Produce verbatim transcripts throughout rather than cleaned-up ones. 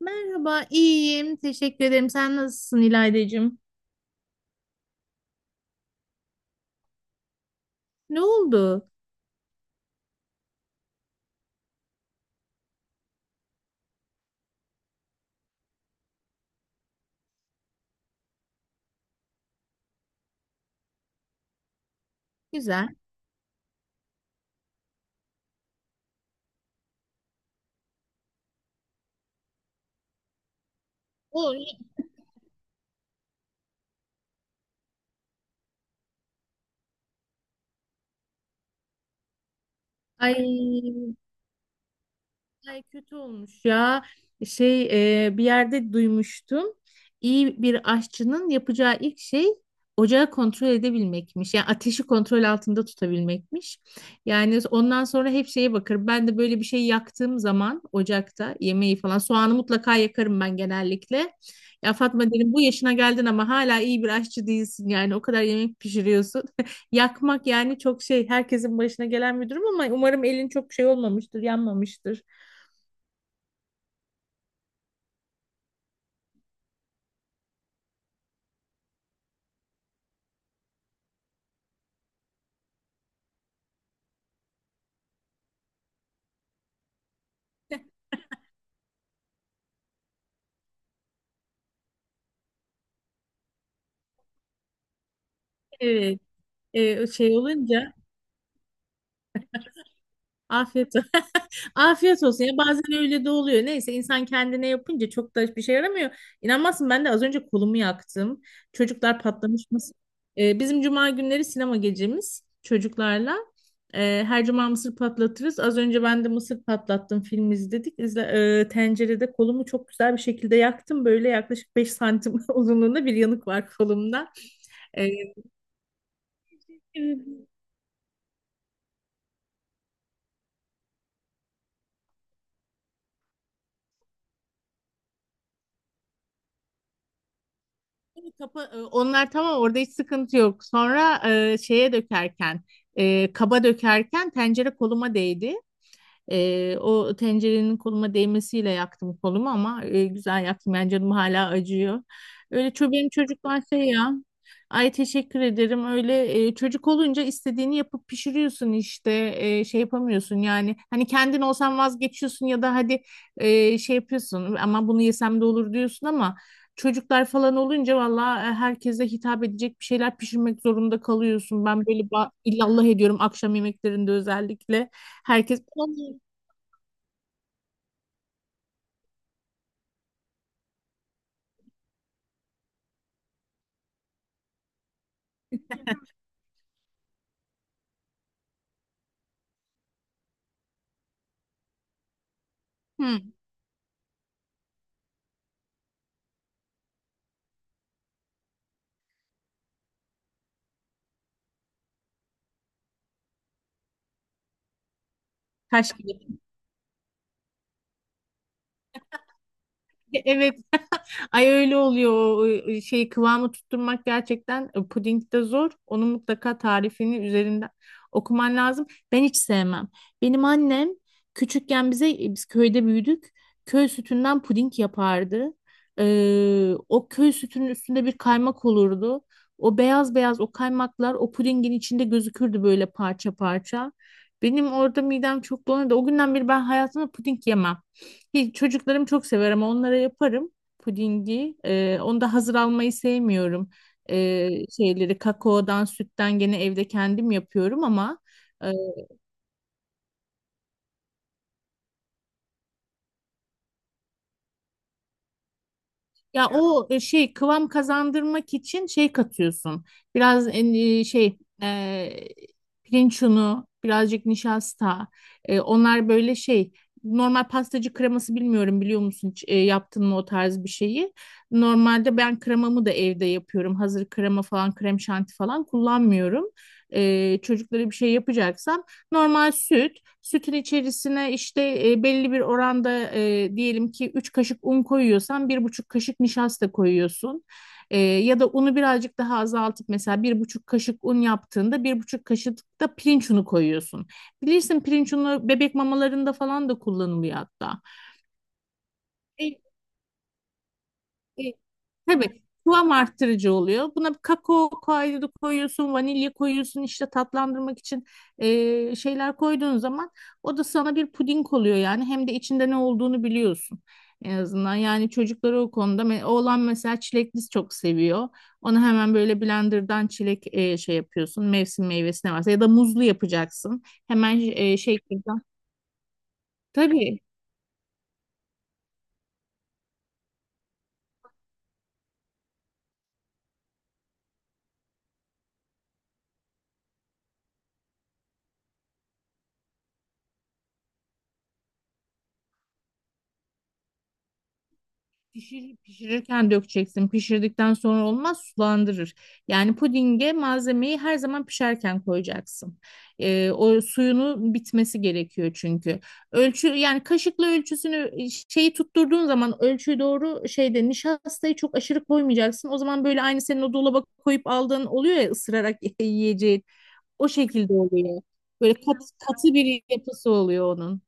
Merhaba, iyiyim. Teşekkür ederim. Sen nasılsın İlaydacığım? Ne oldu? Güzel. O Ay, ay kötü olmuş ya. Şey e, Bir yerde duymuştum. İyi bir aşçının yapacağı ilk şey ocağı kontrol edebilmekmiş. Yani ateşi kontrol altında tutabilmekmiş. Yani ondan sonra hep şeye bakar. Ben de böyle bir şey yaktığım zaman ocakta yemeği falan soğanı mutlaka yakarım ben genellikle. Ya Fatma dedim bu yaşına geldin ama hala iyi bir aşçı değilsin yani o kadar yemek pişiriyorsun. Yakmak yani çok şey herkesin başına gelen bir durum ama umarım elin çok şey olmamıştır, yanmamıştır. Evet, e, şey olunca afiyet olsun. Afiyet olsun ya bazen öyle de oluyor. Neyse insan kendine yapınca çok da bir şey yaramıyor. İnanmazsın ben de az önce kolumu yaktım. Çocuklar patlamış mısır. E, bizim cuma günleri sinema gecemiz çocuklarla. E, her cuma mısır patlatırız. Az önce ben de mısır patlattım film izledik. İzle, e, tencerede kolumu çok güzel bir şekilde yaktım. Böyle yaklaşık beş santim uzunluğunda bir yanık var kolumda. E, Kapa, e, onlar tamam orada hiç sıkıntı yok. Sonra e, şeye dökerken, e, kaba dökerken tencere koluma değdi. E, o tencerenin koluma değmesiyle yaktım kolumu ama e, güzel yaktım. Yani canım hala acıyor. Öyle ço- benim çocuklar şey ya. Ay teşekkür ederim. Öyle e, çocuk olunca istediğini yapıp pişiriyorsun işte. E, şey yapamıyorsun yani. Hani kendin olsan vazgeçiyorsun ya da hadi e, şey yapıyorsun ama bunu yesem de olur diyorsun ama çocuklar falan olunca valla e, herkese hitap edecek bir şeyler pişirmek zorunda kalıyorsun. Ben böyle ba- illallah ediyorum akşam yemeklerinde özellikle. Herkes Hı, taş gibi. Evet. Ay öyle oluyor. O o e, şey, kıvamı tutturmak gerçekten e, puding de zor. Onun mutlaka tarifini üzerinden okuman lazım. Ben hiç sevmem. Benim annem küçükken bize e, biz köyde büyüdük. Köy sütünden puding yapardı. Ee, o köy sütünün üstünde bir kaymak olurdu. O beyaz beyaz o kaymaklar o pudingin içinde gözükürdü böyle parça parça. Benim orada midem çok bulanırdı. O günden beri ben hayatımda puding yemem. Hiç, çocuklarım çok sever ama onlara yaparım pudingi. Ee, onu da hazır almayı sevmiyorum. Ee, Şeyleri kakaodan, sütten gene evde kendim yapıyorum ama ya o e, şey kıvam kazandırmak için şey katıyorsun. Biraz e, şey e, pirinç unu, birazcık nişasta. E, onlar böyle şey normal pastacı kreması bilmiyorum biliyor musun hiç, e, yaptın mı o tarz bir şeyi. Normalde ben kremamı da evde yapıyorum. Hazır krema falan, krem şanti falan kullanmıyorum. E, çocuklara bir şey yapacaksam normal süt, sütün içerisine işte e, belli bir oranda e, diyelim ki üç kaşık un koyuyorsan bir buçuk kaşık nişasta koyuyorsun. E, ya da unu birazcık daha azaltıp mesela bir buçuk kaşık un yaptığında bir buçuk kaşık da pirinç unu koyuyorsun. Bilirsin pirinç unu bebek mamalarında falan da kullanılıyor hatta. E, Tabii kıvam arttırıcı oluyor. Buna kakao kaydı koyuyorsun, vanilya koyuyorsun işte tatlandırmak için eee, şeyler koyduğun zaman o da sana bir puding oluyor yani. Hem de içinde ne olduğunu biliyorsun en azından. Yani çocukları o konuda me- oğlan mesela çilekli çok seviyor. Onu hemen böyle blenderdan çilek eee, şey yapıyorsun. Mevsim meyvesi ne varsa ya da muzlu yapacaksın. Hemen eee, şey tabii. Pişir, pişirirken dökeceksin. Pişirdikten sonra olmaz, sulandırır. Yani pudinge malzemeyi her zaman pişerken koyacaksın. Ee, o suyunu bitmesi gerekiyor çünkü. Ölçü yani kaşıkla ölçüsünü e, şeyi tutturduğun zaman ölçüyü doğru şeyde nişastayı çok aşırı koymayacaksın. O zaman böyle aynı senin o dolaba koyup aldığın oluyor ya ısırarak yiyeceğin. O şekilde oluyor. Böyle kat, katı bir yapısı oluyor onun.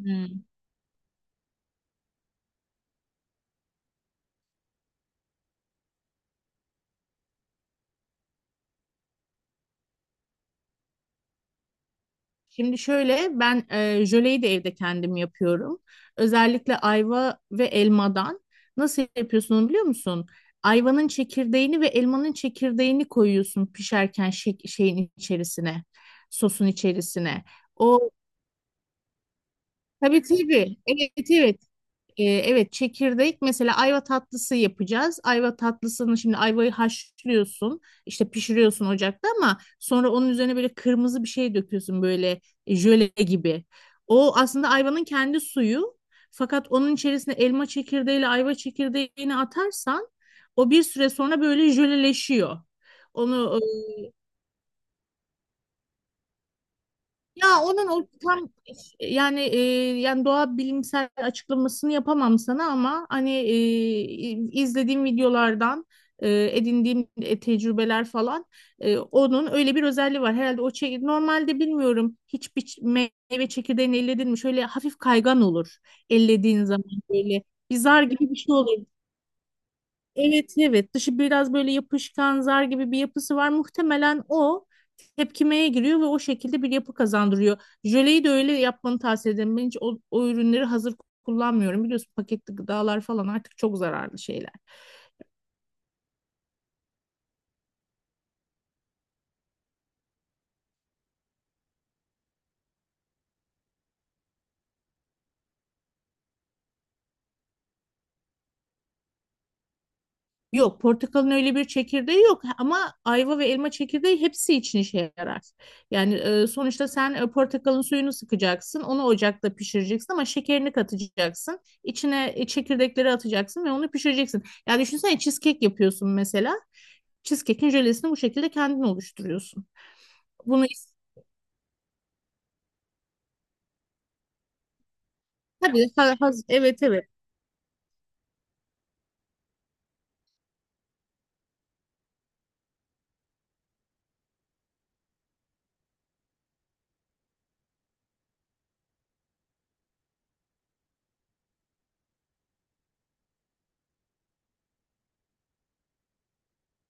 Hmm. Şimdi şöyle ben e, jöleyi de evde kendim yapıyorum. Özellikle ayva ve elmadan. Nasıl yapıyorsun onu biliyor musun? Ayvanın çekirdeğini ve elmanın çekirdeğini koyuyorsun pişerken şey- şeyin içerisine, sosun içerisine. O tabii, tabii. Evet, evet. Ee, evet çekirdek mesela ayva tatlısı yapacağız. Ayva tatlısını şimdi ayvayı haşlıyorsun işte pişiriyorsun ocakta ama sonra onun üzerine böyle kırmızı bir şey döküyorsun böyle jöle gibi. O aslında ayvanın kendi suyu fakat onun içerisine elma çekirdeğiyle ayva çekirdeğini atarsan o bir süre sonra böyle jöleleşiyor. Onu ıı, Ya onun o tam yani e, yani doğa bilimsel açıklamasını yapamam sana ama hani e, izlediğim videolardan e, edindiğim e, tecrübeler falan e, onun öyle bir özelliği var. Herhalde o çek normalde bilmiyorum hiçbir ç- meyve çekirdeğini elledin mi şöyle hafif kaygan olur ellediğin zaman böyle bir zar gibi bir şey olur. Evet, evet dışı biraz böyle yapışkan zar gibi bir yapısı var. Muhtemelen o tepkimeye giriyor ve o şekilde bir yapı kazandırıyor. Jöleyi de öyle yapmanı tavsiye ederim. Ben hiç o, o ürünleri hazır kullanmıyorum. Biliyorsun paketli gıdalar falan artık çok zararlı şeyler. Yok, portakalın öyle bir çekirdeği yok ama ayva ve elma çekirdeği hepsi için işe yarar. Yani e, sonuçta sen e, portakalın suyunu sıkacaksın, onu ocakta pişireceksin ama şekerini katacaksın, içine e, çekirdekleri atacaksın ve onu pişireceksin. Yani düşünsene cheesecake yapıyorsun mesela. Cheesecake'in jölesini bu şekilde kendin oluşturuyorsun. Bunu is- tabii. Ha- haz- evet, evet,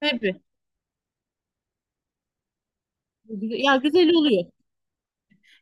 tabii. Ya güzel oluyor.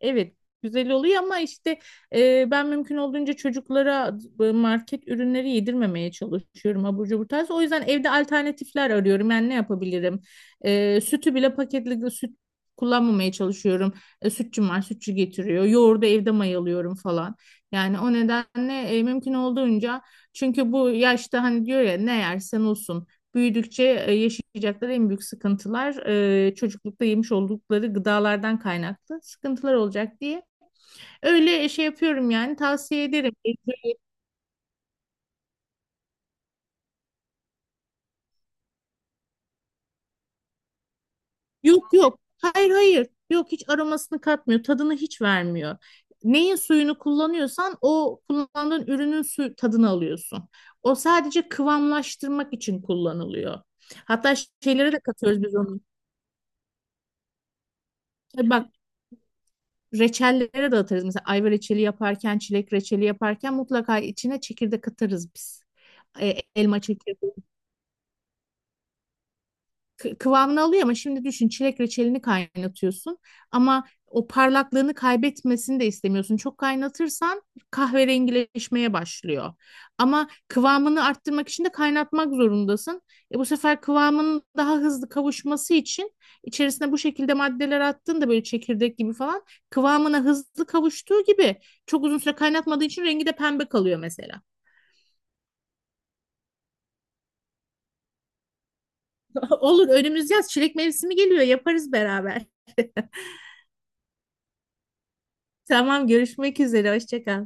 Evet, güzel oluyor ama işte e, ben mümkün olduğunca çocuklara e, market ürünleri yedirmemeye çalışıyorum abur cubur tarzı. O yüzden evde alternatifler arıyorum. Yani ne yapabilirim? E, sütü bile paketli süt kullanmamaya çalışıyorum. E, sütçüm var, sütçü getiriyor. Yoğurdu evde mayalıyorum falan. Yani o nedenle e, mümkün olduğunca çünkü bu yaşta hani diyor ya ne yersen olsun büyüdükçe e, yaşayacakları en büyük sıkıntılar e, çocuklukta yemiş oldukları gıdalardan kaynaklı sıkıntılar olacak diye. Öyle şey yapıyorum yani tavsiye ederim. E, Yok, yok. Hayır, hayır. Yok hiç aromasını katmıyor. Tadını hiç vermiyor. Neyin suyunu kullanıyorsan o kullandığın ürünün su tadını alıyorsun. O sadece kıvamlaştırmak için kullanılıyor. Hatta şeylere de katıyoruz biz onu. E bak reçellere de atarız. Mesela ayva reçeli yaparken, çilek reçeli yaparken mutlaka içine çekirdek atarız biz. E, elma çekirdeği kı- kıvamını alıyor ama şimdi düşün çilek reçelini kaynatıyorsun ama o parlaklığını kaybetmesini de istemiyorsun. Çok kaynatırsan kahverengileşmeye başlıyor. Ama kıvamını arttırmak için de kaynatmak zorundasın. E bu sefer kıvamının daha hızlı kavuşması için içerisine bu şekilde maddeler attığında böyle çekirdek gibi falan kıvamına hızlı kavuştuğu gibi çok uzun süre kaynatmadığı için rengi de pembe kalıyor mesela. Olur, önümüz yaz çilek mevsimi geliyor, yaparız beraber. Tamam, görüşmek üzere, hoşça kal.